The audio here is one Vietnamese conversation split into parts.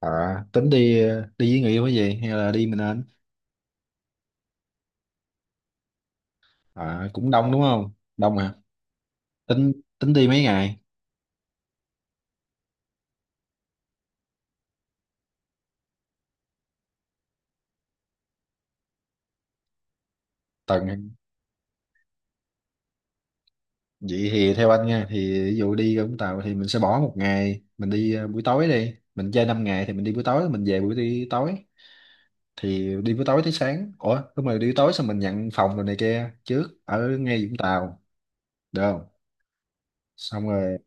À, tính đi đi với người yêu cái gì hay là đi mình anh? À, cũng đông đúng không? Đông à. Tính tính đi mấy ngày? Tuần. Vậy thì theo anh nha, thì ví dụ đi Vũng Tàu thì mình sẽ bỏ một ngày, mình đi buổi tối đi. Mình chơi 5 ngày thì mình đi buổi tối, mình về buổi đi tối. Thì đi buổi tối tới sáng. Ủa, đúng rồi, đi buổi tối xong mình nhận phòng rồi này kia trước ở ngay Vũng Tàu, được không? Xong rồi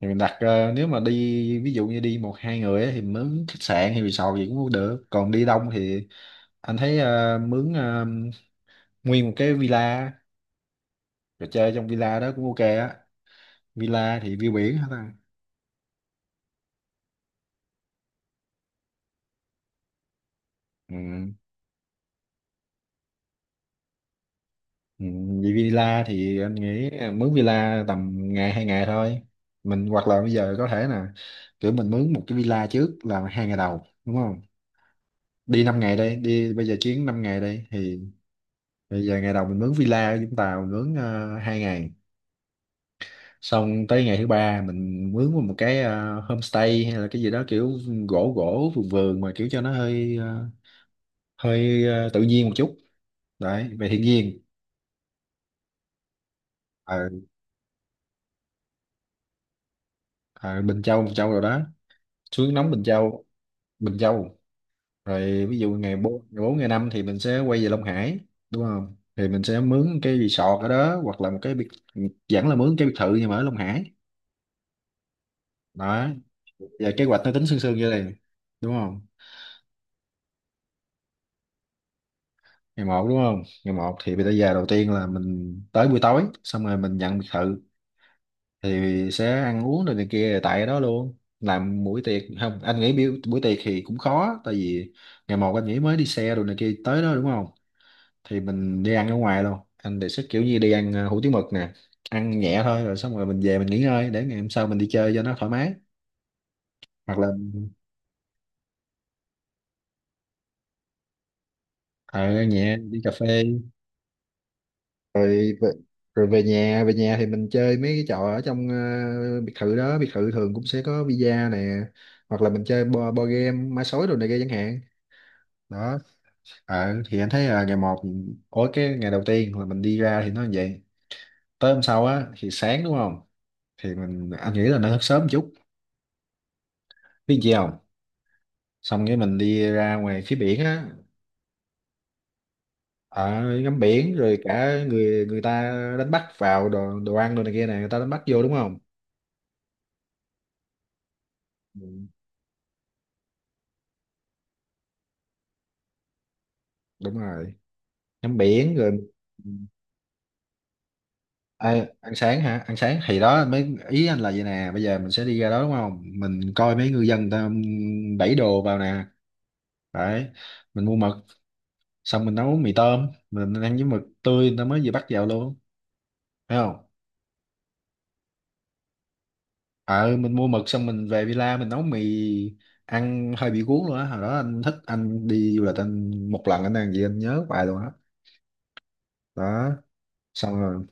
thì mình đặt, nếu mà đi ví dụ như đi một hai người á thì mình mướn khách sạn hay resort gì cũng được. Còn đi đông thì anh thấy, mướn nguyên một cái villa rồi chơi trong villa đó cũng ok á. Villa thì view biển hả ta? Ừ. Ừ. Vì villa thì anh nghĩ mướn villa tầm ngày 2 ngày thôi. Mình hoặc là bây giờ có thể là kiểu mình mướn một cái villa trước là 2 ngày đầu đúng không, đi 5 ngày đây, đi bây giờ chuyến 5 ngày đây thì bây giờ ngày đầu mình mướn villa ở Vũng Tàu, mình mướn 2 ngày. Xong tới ngày thứ ba mình mướn một cái homestay hay là cái gì đó kiểu gỗ gỗ vườn vườn, mà kiểu cho nó hơi tự nhiên một chút, đấy, về thiên nhiên. Ờ, ờ, Bình Châu Bình Châu rồi đó, xuống nóng Bình Châu Bình Châu. Rồi ví dụ ngày bốn ngày 5 thì mình sẽ quay về Long Hải, đúng không, thì mình sẽ mướn cái resort ở đó hoặc là một cái biệt vẫn là mướn cái biệt thự nhưng mà ở Long Hải, đó. Và kế hoạch nó tính sương sương như này, đúng không? Ngày một đúng không, ngày một thì bây giờ giờ đầu tiên là mình tới buổi tối, xong rồi mình nhận biệt thự thì sẽ ăn uống rồi này kia, rồi tại đó luôn làm buổi tiệc không. Anh nghĩ buổi tiệc thì cũng khó, tại vì ngày một anh nghĩ mới đi xe rồi này kia tới đó đúng không, thì mình đi ăn ở ngoài luôn. Anh đề xuất kiểu như đi ăn hủ tiếu mực nè, ăn nhẹ thôi, rồi xong rồi mình về mình nghỉ ngơi để ngày hôm sau mình đi chơi cho nó thoải mái. Hoặc là ờ, ăn nhẹ đi cà phê rồi về, rồi về nhà. Về nhà thì mình chơi mấy cái trò ở trong biệt thự đó. Biệt thự thường cũng sẽ có bida nè, hoặc là mình chơi bo game ma sói đồ này kia chẳng hạn, đó. Thì anh thấy là ngày một, ối, cái ngày đầu tiên là mình đi ra thì nó như vậy. Tới hôm sau á thì sáng đúng không, thì mình, anh nghĩ là nó thức sớm một chút, biết gì không, xong cái mình đi ra ngoài phía biển á, ở, ngắm biển rồi cả người người ta đánh bắt vào đồ đồ ăn đồ này kia này, người ta đánh bắt vô đúng không. Ừ, đúng rồi, ngắm biển rồi. Ê, ăn sáng hả, ăn sáng thì đó mấy ý anh là vậy nè, bây giờ mình sẽ đi ra đó đúng không, mình coi mấy ngư dân ta đẩy đồ vào nè, đấy, mình mua mực xong mình nấu mì tôm mình ăn với mực tươi người ta mới vừa bắt vào luôn, thấy không. Ờ mình mua mực xong mình về villa mình nấu mì, ăn hơi bị cuốn luôn á. Hồi đó anh thích, anh đi du lịch, anh một lần anh ăn gì anh nhớ hoài luôn á, đó. xong rồi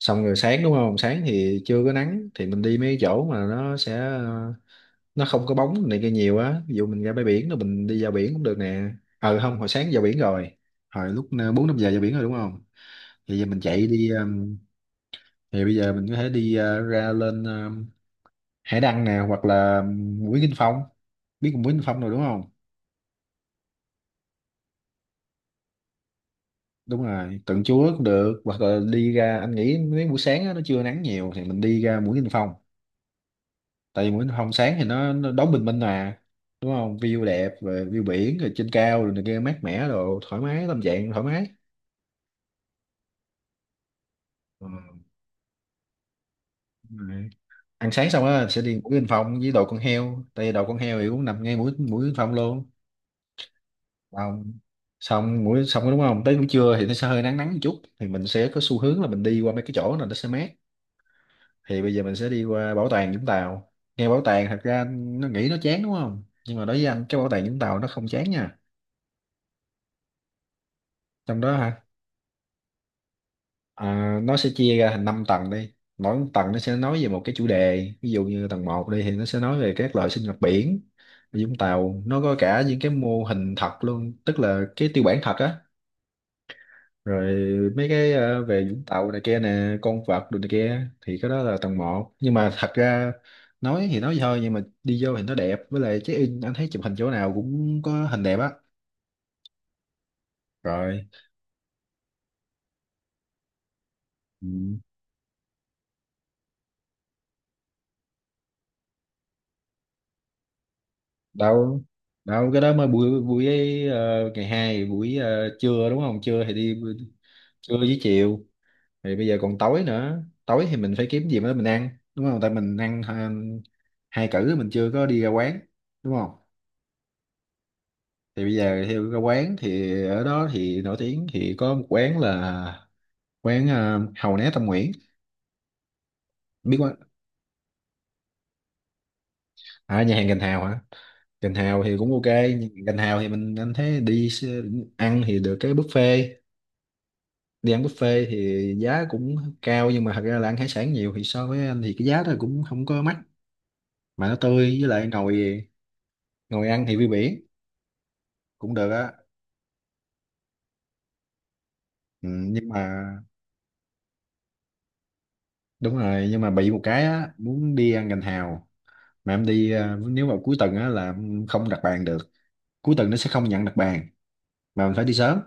xong rồi sáng đúng không, sáng thì chưa có nắng thì mình đi mấy cái chỗ mà nó sẽ nó không có bóng này kia nhiều á, ví dụ mình ra bãi biển rồi mình đi vào biển cũng được nè. Không, hồi sáng vào biển rồi, hồi lúc bốn năm giờ vào biển rồi đúng không, thì giờ mình chạy đi thì bây giờ mình có thể đi ra, lên Hải Đăng nè hoặc là Mũi Kinh Phong, biết Mũi Kinh Phong rồi đúng không, đúng rồi, Tượng Chúa cũng được. Hoặc là đi ra, anh nghĩ mấy buổi sáng á, nó chưa nắng nhiều thì mình đi ra Mũi Kinh Phong, tại vì Nguyễn Hồng Sáng thì nó đón bình minh mà, đúng không, view đẹp rồi, view biển rồi, trên cao rồi này kia mát mẻ rồi, thoải mái, tâm trạng thoải mái. Ờ, đúng rồi. Ăn sáng xong á sẽ đi mũi Yên Phong với đồ con heo, tại vì đồ con heo thì cũng nằm ngay mũi mũi Yên Phong luôn. Xong xong mũi xong đúng không, tới buổi trưa thì nó sẽ hơi nắng nắng một chút, thì mình sẽ có xu hướng là mình đi qua mấy cái chỗ này nó sẽ mát, thì bây giờ mình sẽ đi qua bảo tàng Vũng Tàu. Nghe bảo tàng thật ra nó nghĩ nó chán đúng không, nhưng mà đối với anh cái bảo tàng Vũng Tàu nó không chán nha, trong đó hả. À, nó sẽ chia ra thành 5 tầng đi, mỗi một tầng nó sẽ nói về một cái chủ đề, ví dụ như tầng một đi thì nó sẽ nói về các loại sinh vật biển ở Vũng Tàu, nó có cả những cái mô hình thật luôn, tức là cái tiêu bản thật á, rồi mấy cái về Vũng Tàu này kia nè, con vật đồ này kia, thì cái đó là tầng một. Nhưng mà thật ra nói thì nói vậy thôi, nhưng mà đi vô thì nó đẹp, với lại check in anh thấy chụp hình chỗ nào cũng có hình đẹp á, rồi, ừ. Đâu đâu, cái đó mới buổi buổi ngày hai buổi trưa đúng không, trưa thì đi trưa với chiều, thì bây giờ còn tối nữa. Tối thì mình phải kiếm gì đó mình ăn đúng không, tại mình ăn hai cữ mình chưa có đi ra quán đúng không, thì bây giờ theo ra quán thì ở đó thì nổi tiếng thì có một quán là quán Hàu Né Tâm Nguyễn, biết quán, à nhà hàng Gành Hào hả, Gành Hào thì cũng ok. Nhưng Gành Hào thì mình, anh thấy ăn thì được cái buffet. Đi ăn buffet thì giá cũng cao, nhưng mà thật ra là ăn hải sản nhiều thì so với anh thì cái giá đó cũng không có mắc, mà nó tươi, với lại ngồi ngồi ăn thì view biển cũng được á. Ừ, nhưng mà đúng rồi, nhưng mà bị một cái á, muốn đi ăn gành hào mà em đi à, nếu vào cuối tuần á là em không đặt bàn được, cuối tuần nó sẽ không nhận đặt bàn mà mình phải đi sớm.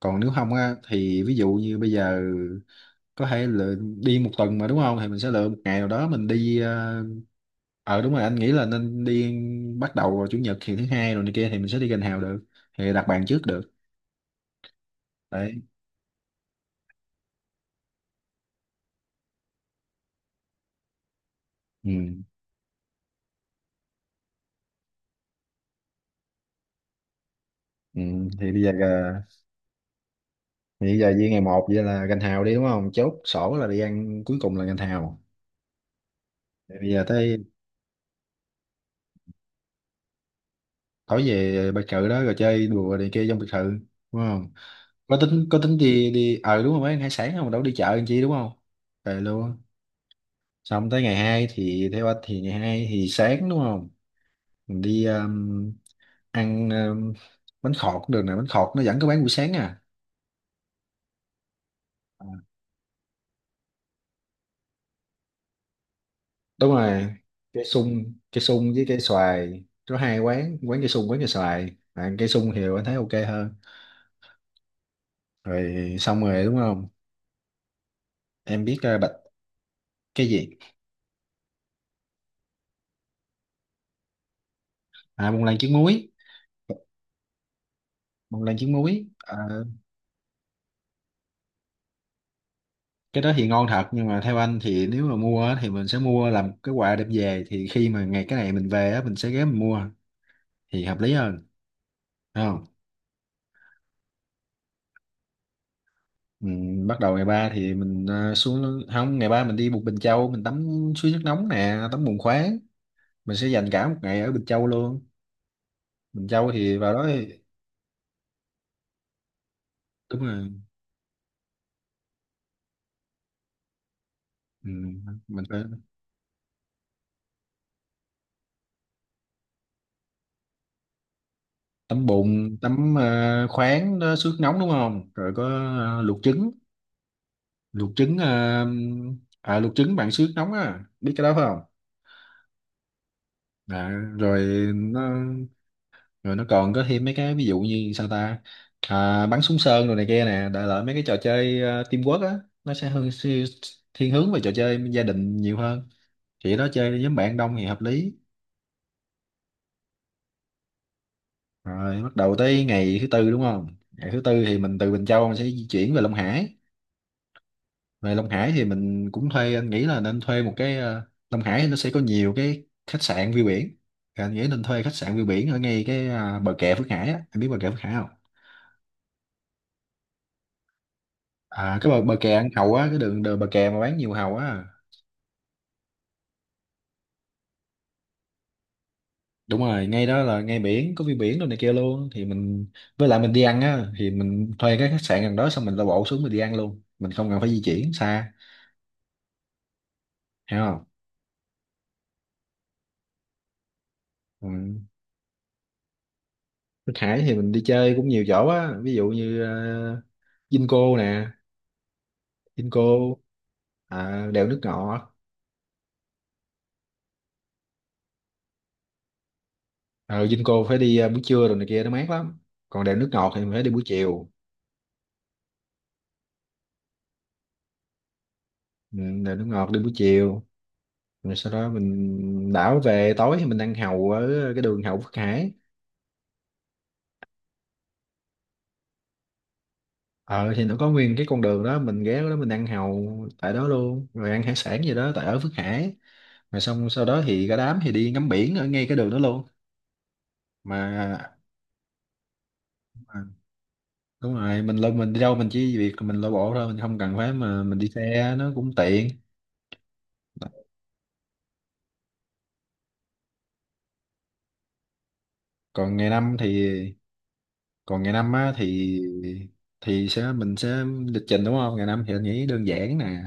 Còn nếu không á thì ví dụ như bây giờ có thể là đi một tuần mà đúng không, thì mình sẽ lựa một ngày nào đó mình đi à, đúng rồi, anh nghĩ là nên đi bắt đầu vào chủ nhật, thì thứ hai rồi này kia thì mình sẽ đi gần hào được, thì đặt bàn trước được, đấy, ừ. Ừ. thì bây giờ là- thì bây giờ với ngày một vậy là gành hào đi, đúng không? Chốt sổ là đi ăn cuối cùng là gành hào. Thì bây giờ tới tối về biệt thự đó rồi chơi đùa này kia trong biệt thự, đúng không? Có tính, có tính đi đi, ờ đúng rồi, mấy ăn hải sản không đâu đi chợ làm chi, đúng không? Về luôn. Xong tới ngày hai thì theo anh thì ngày hai thì sáng, đúng không? Mình đi ăn bánh khọt cũng được nè, bánh khọt nó vẫn có bán buổi sáng à. À, đúng rồi, cây sung, cây sung với cây xoài. Có hai quán, quán cây sung, quán cây xoài, à, cây sung thì anh thấy ok hơn. Rồi xong rồi đúng không? Em biết bạch cái gì, à, bông lan trứng muối, bông lan trứng muối. Ờ, cái đó thì ngon thật, nhưng mà theo anh thì nếu mà mua á, thì mình sẽ mua làm cái quà đem về, thì khi mà ngày cái này mình về á, mình sẽ ghé mình mua thì hợp lý hơn. Đúng không? Ừ, bắt đầu ngày ba thì mình xuống, không, ngày ba mình đi Bục Bình Châu, mình tắm suối nước nóng nè, tắm bùn khoáng. Mình sẽ dành cả một ngày ở Bình Châu luôn. Bình Châu thì vào đó thì- Đúng rồi, ừ, mình phải tắm bùn, tắm khoáng đó, suối nước nóng, đúng không? Rồi có luộc trứng, luộc trứng à, luộc trứng bằng suối nước nóng á, biết cái đó phải không? À, rồi. Rồi nó còn có thêm mấy cái ví dụ như sao ta, à, bắn súng sơn rồi này kia nè, đại loại mấy cái trò chơi teamwork á, nó sẽ hơn siêu- thiên hướng về trò chơi gia đình nhiều hơn. Chỉ đó chơi với nhóm bạn đông thì hợp lý. Rồi bắt đầu tới ngày thứ tư, đúng không? Ngày thứ tư thì mình từ Bình Châu mình sẽ di chuyển về Long Hải. Về Long Hải thì mình cũng thuê, anh nghĩ là nên thuê một cái Long Hải nó sẽ có nhiều cái khách sạn view biển. Thì anh nghĩ nên thuê khách sạn view biển ở ngay cái bờ kè Phước Hải á, anh biết bờ kè Phước Hải không? À cái bờ kè ăn hàu á, cái đường bờ kè mà bán nhiều hàu á. Đúng rồi, ngay đó là ngay biển, có view biển đồ này kia luôn thì mình, với lại mình đi ăn á thì mình thuê cái khách sạn gần đó, xong mình la bộ xuống mình đi ăn luôn, mình không cần phải di chuyển xa. Hiểu không? Ừ. Nước Hải thì mình đi chơi cũng nhiều chỗ á, ví dụ như uh, Vinco nè, Vinco, à, đèo nước ngọt. Ờ Vinco phải đi buổi trưa rồi này kia nó mát lắm, còn đèo nước ngọt thì mình phải đi buổi chiều. Ừ, đèo nước ngọt đi buổi chiều. Rồi sau đó mình đảo về, tối thì mình ăn hàu ở cái đường Hậu Phước Hải. Ờ thì nó có nguyên cái con đường đó, mình ghé đó mình ăn hàu tại đó luôn, rồi ăn hải sản gì đó tại ở Phước Hải. Rồi xong sau đó thì cả đám thì đi ngắm biển ở ngay cái đường đó luôn. mà mà- Đúng rồi, mình lên mình đi đâu mình chỉ việc mình lội bộ thôi, mình không cần phải, mà mình đi xe nó cũng tiện. Còn ngày năm thì, còn ngày năm á thì sẽ mình sẽ lịch trình đúng không, ngày năm thì anh nghĩ đơn giản nè.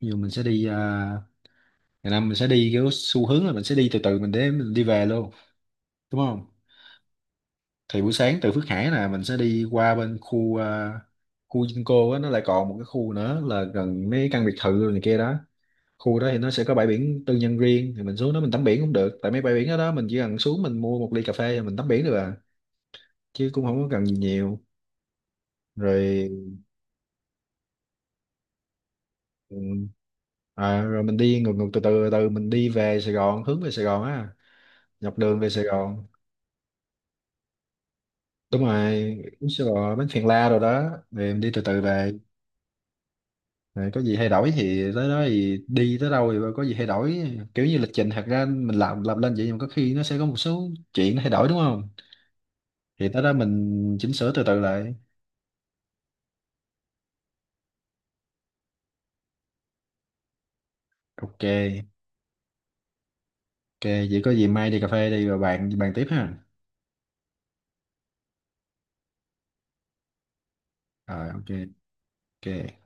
Ví dụ mình sẽ đi, à, ngày năm mình sẽ đi kiểu xu hướng là mình sẽ đi từ từ mình để mình đi về luôn, đúng không? Thì buổi sáng từ Phước Hải nè mình sẽ đi qua bên khu, à, khu Vinco á, nó lại còn một cái khu nữa là gần mấy căn biệt thự rồi này kia đó. Khu đó thì nó sẽ có bãi biển tư nhân riêng, thì mình xuống đó mình tắm biển cũng được, tại mấy bãi biển đó, đó mình chỉ cần xuống mình mua một ly cà phê rồi mình tắm biển được à, chứ cũng không có cần gì nhiều. Rồi ừ, à, rồi mình đi ngược, ngược từ từ từ mình đi về Sài Gòn, hướng về Sài Gòn á, dọc đường về Sài Gòn. Đúng rồi, uống sữa bò bánh phèn la rồi đó. Rồi em đi từ từ về. Rồi có gì hay đổi thì tới đó thì đi tới đâu thì có gì hay đổi, kiểu như lịch trình thật ra mình làm lên vậy nhưng mà có khi nó sẽ có một số chuyện nó thay đổi, đúng không? Thì tới đó mình chỉnh sửa từ từ lại. Ok, ok, vậy có gì mai đi cà phê đi rồi bàn bàn tiếp ha. Rồi ok, ok.